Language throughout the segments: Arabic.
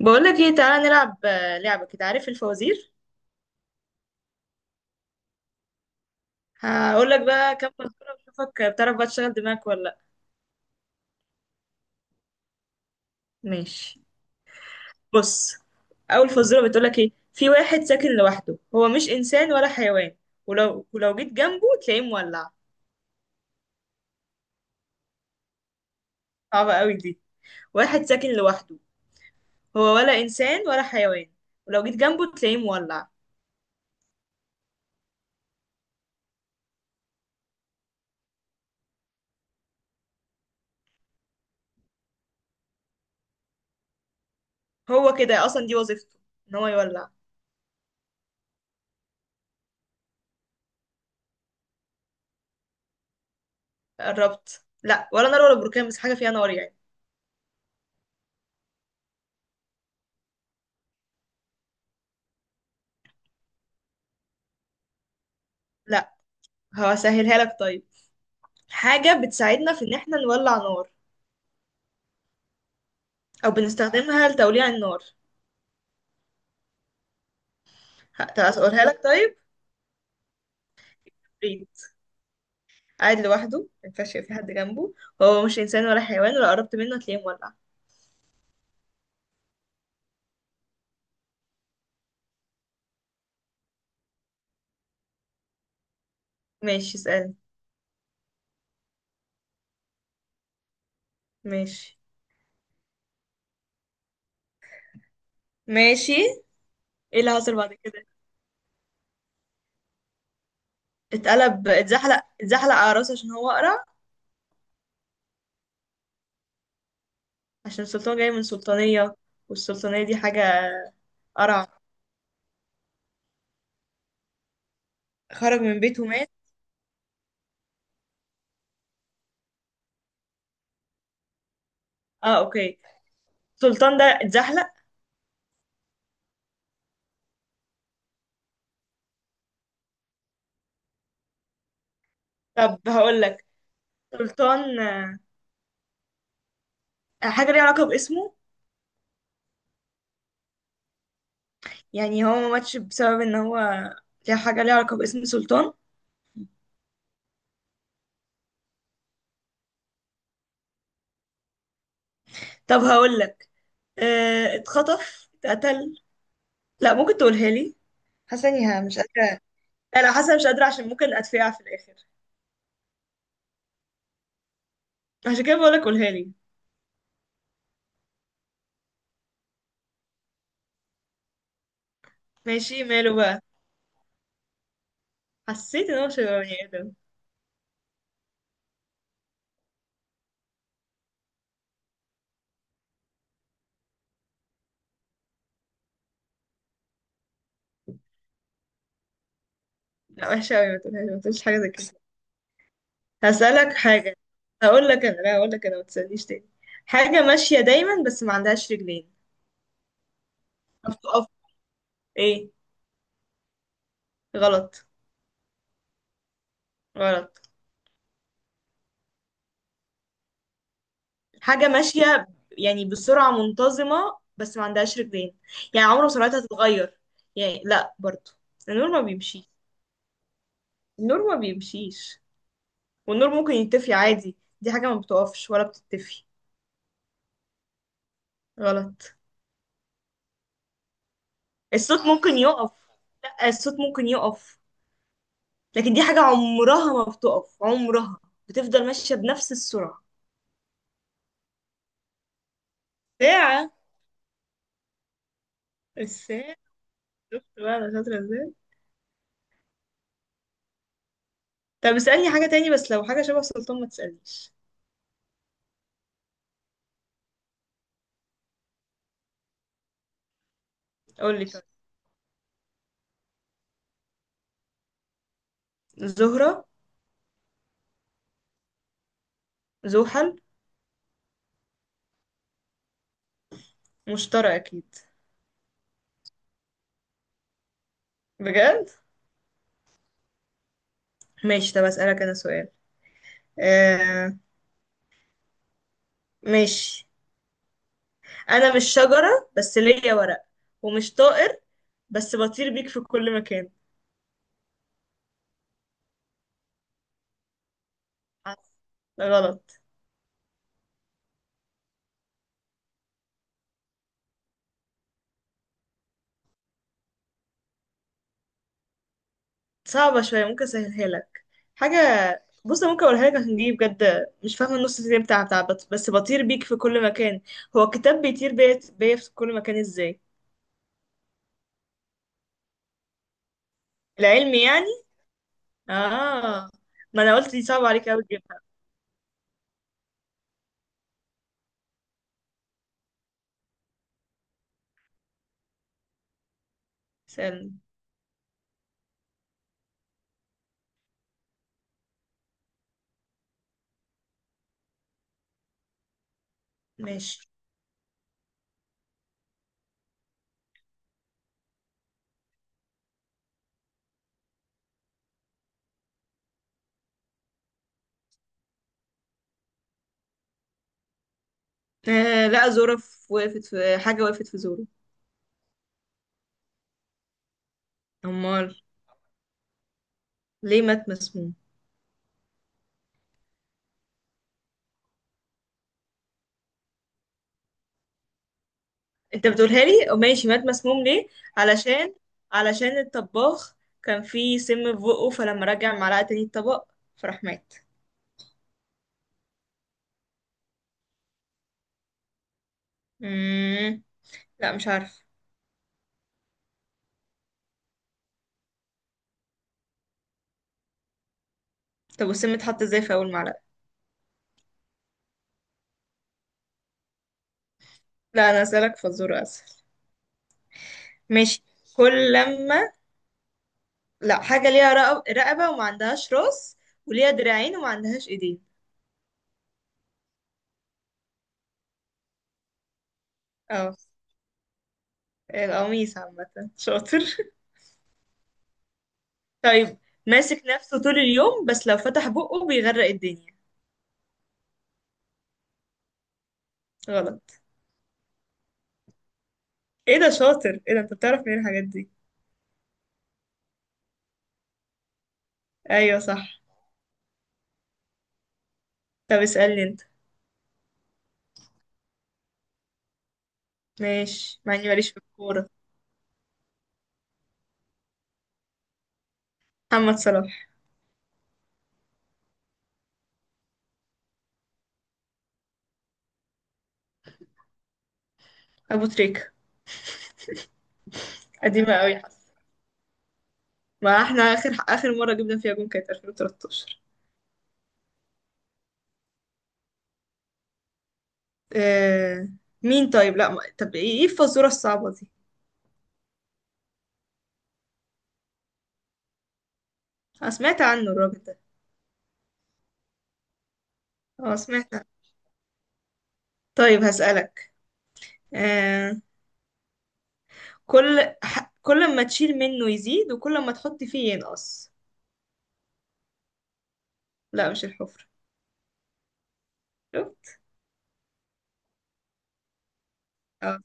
بقول لك ايه، تعالى نلعب لعبة كده. عارف الفوازير؟ هقول لك بقى كام فزورة واشوفك بتعرف بقى تشغل دماغك ولا لا. ماشي. بص، اول فزورة بتقول لك ايه: في واحد ساكن لوحده، هو مش انسان ولا حيوان، ولو جيت جنبه تلاقيه مولع. صعبة قوي دي. واحد ساكن لوحده، هو ولا انسان ولا حيوان، ولو جيت جنبه تلاقيه مولع. هو كده اصلا دي وظيفته، ان هو يولع. قربت، لا ولا نار ولا بركان، بس حاجة فيها نار يعني. لا، هسهلها لك طيب. حاجة بتساعدنا في إن احنا نولع نار، أو بنستخدمها لتوليع النار. طب هقولها لك طيب. ريد. قاعد لوحده، ما ينفعش يبقى في حد جنبه، هو مش إنسان ولا حيوان، ولا قربت منه هتلاقيه مولع. ماشي اسألني. ماشي. ماشي. ايه اللي حصل بعد كده؟ اتقلب، اتزحلق، اتزحلق على راسه عشان هو قرع. عشان السلطان جاي من سلطانية، والسلطانية دي حاجة. قرع. خرج من بيته مات. اه، اوكي. السلطان ده اتزحلق؟ طب هقول لك. سلطان، حاجة ليها علاقة باسمه. يعني هو ما ماتش بسبب ان هو. ليه حاجة ليها علاقة باسم سلطان؟ طب هقول لك. اه، اتخطف، اتقتل. لا، ممكن تقولها لي؟ حاسة اني مش قادرة. لا لا، حاسة مش قادرة عشان ممكن اتفقع في الاخر. عشان كده بقول لك قولها لي. ماشي، ماله بقى. حسيت ان هو مش هيبقى بني ادم. لا، وحشة قوي، ما تقولهاش، ما تقولش حاجة زي كده. هسألك حاجة. هقول لك انا لا، هقول لك انا ما تسألنيش تاني. حاجة ماشية دايما بس ما عندهاش رجلين. طب تقف؟ ايه؟ غلط. غلط. حاجة ماشية، يعني بسرعة منتظمة بس ما عندهاش رجلين. يعني عمره ما سرعتها تتغير. يعني لا برضو. النور ما بيمشيش. النور ما بيمشيش. والنور ممكن يطفي عادي. دي حاجة ما بتقفش ولا بتتفي. غلط. الصوت ممكن يقف. لا، الصوت ممكن يقف، لكن دي حاجة عمرها ما بتقف، عمرها بتفضل ماشية بنفس السرعة. ساعة. الساعة. شفت بقى أنا شاطرة ازاي؟ طب اسألني حاجة تاني، بس لو حاجة شبه سلطان ما تسألنيش. قولي طيب. زهرة. زحل. مشترى اكيد. بجد. ماشي، طب اسالك انا سؤال. آه. ماشي. انا مش شجره بس ليا ورق، ومش طائر بس بطير بيك في كل مكان. غلط. صعبة شوية، ممكن اسهلها لك. حاجة. بص أنا ممكن اقولها لك عشان دي بجد مش فاهمة النص التاني بتاع بس بطير بيك في كل مكان. هو الكتاب بيطير بيا في كل مكان ازاي؟ العلم يعني. اه. ما انا قلت دي صعبة عليك اوي تجيبها. سألني. ماشي. آه، لا، زورة، وقفت في حاجة، وقفت في زورة. أمال. ليه مات مسموم؟ أنت بتقولها لي، ماشي، مات مسموم ليه؟ علشان، علشان الطباخ كان فيه سم في بقه، فلما رجع معلقة تاني الطبق فراح مات. مم. لا مش عارف. طب والسم اتحط ازاي في أول معلقة؟ لا أنا أسألك في الزورة أسهل. ماشي. كل لما. لا، حاجة ليها رقبة وما عندهاش راس، وليها دراعين وما عندهاش ايدين. اه. القميص عامة. شاطر. طيب. ماسك نفسه طول اليوم، بس لو فتح بقه بيغرق الدنيا. غلط. ايه ده شاطر، ايه ده، انت بتعرف منين الحاجات دي؟ ايوه صح. طب اسألني انت. ماشي، مع اني ماليش في الكورة. محمد صلاح. ابو تريكة. قديمة قوي حاسة. ما احنا اخر اخر مرة جبنا فيها جون كانت 2013. آه... مين طيب؟ لا ما... طب ايه، إيه الفزورة الصعبة دي؟ انا سمعت عنه الراجل ده. اه سمعت عنه. طيب هسألك. آه... كل ما تشيل منه يزيد، وكل ما تحط فيه ينقص. لا مش الحفرة. شفت؟ اه.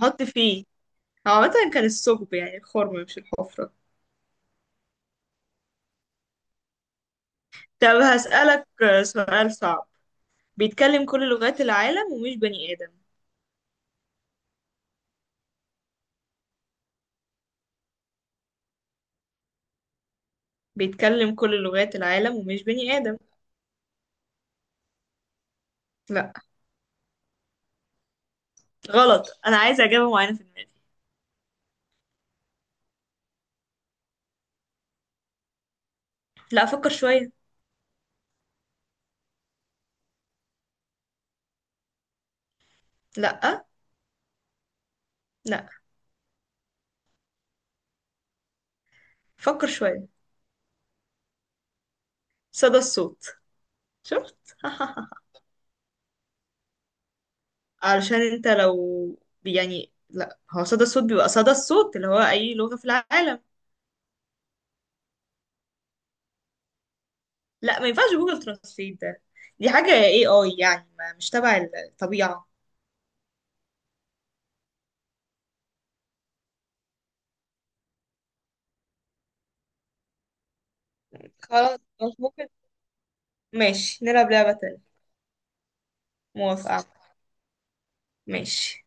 حط فيه. هو عامة كان الثقب يعني الخرم مش الحفرة. طب هسألك سؤال صعب. بيتكلم كل لغات العالم ومش بني آدم. بيتكلم كل لغات العالم ومش بني آدم. لا. غلط، أنا عايزة إجابة معينة في دماغي. لا فكر شوية. لا. لا فكر شوية. صدى الصوت. شفت علشان انت لو، يعني لا هو صدى الصوت بيبقى صدى الصوت اللي هو أي لغة في العالم. لا ما ينفعش جوجل ترانسليت ده. دي حاجة اي اي يعني، ما مش تبع الطبيعة. خلاص مش ممكن. ماشي نلعب لعبة تانية. موافقة. ماشي.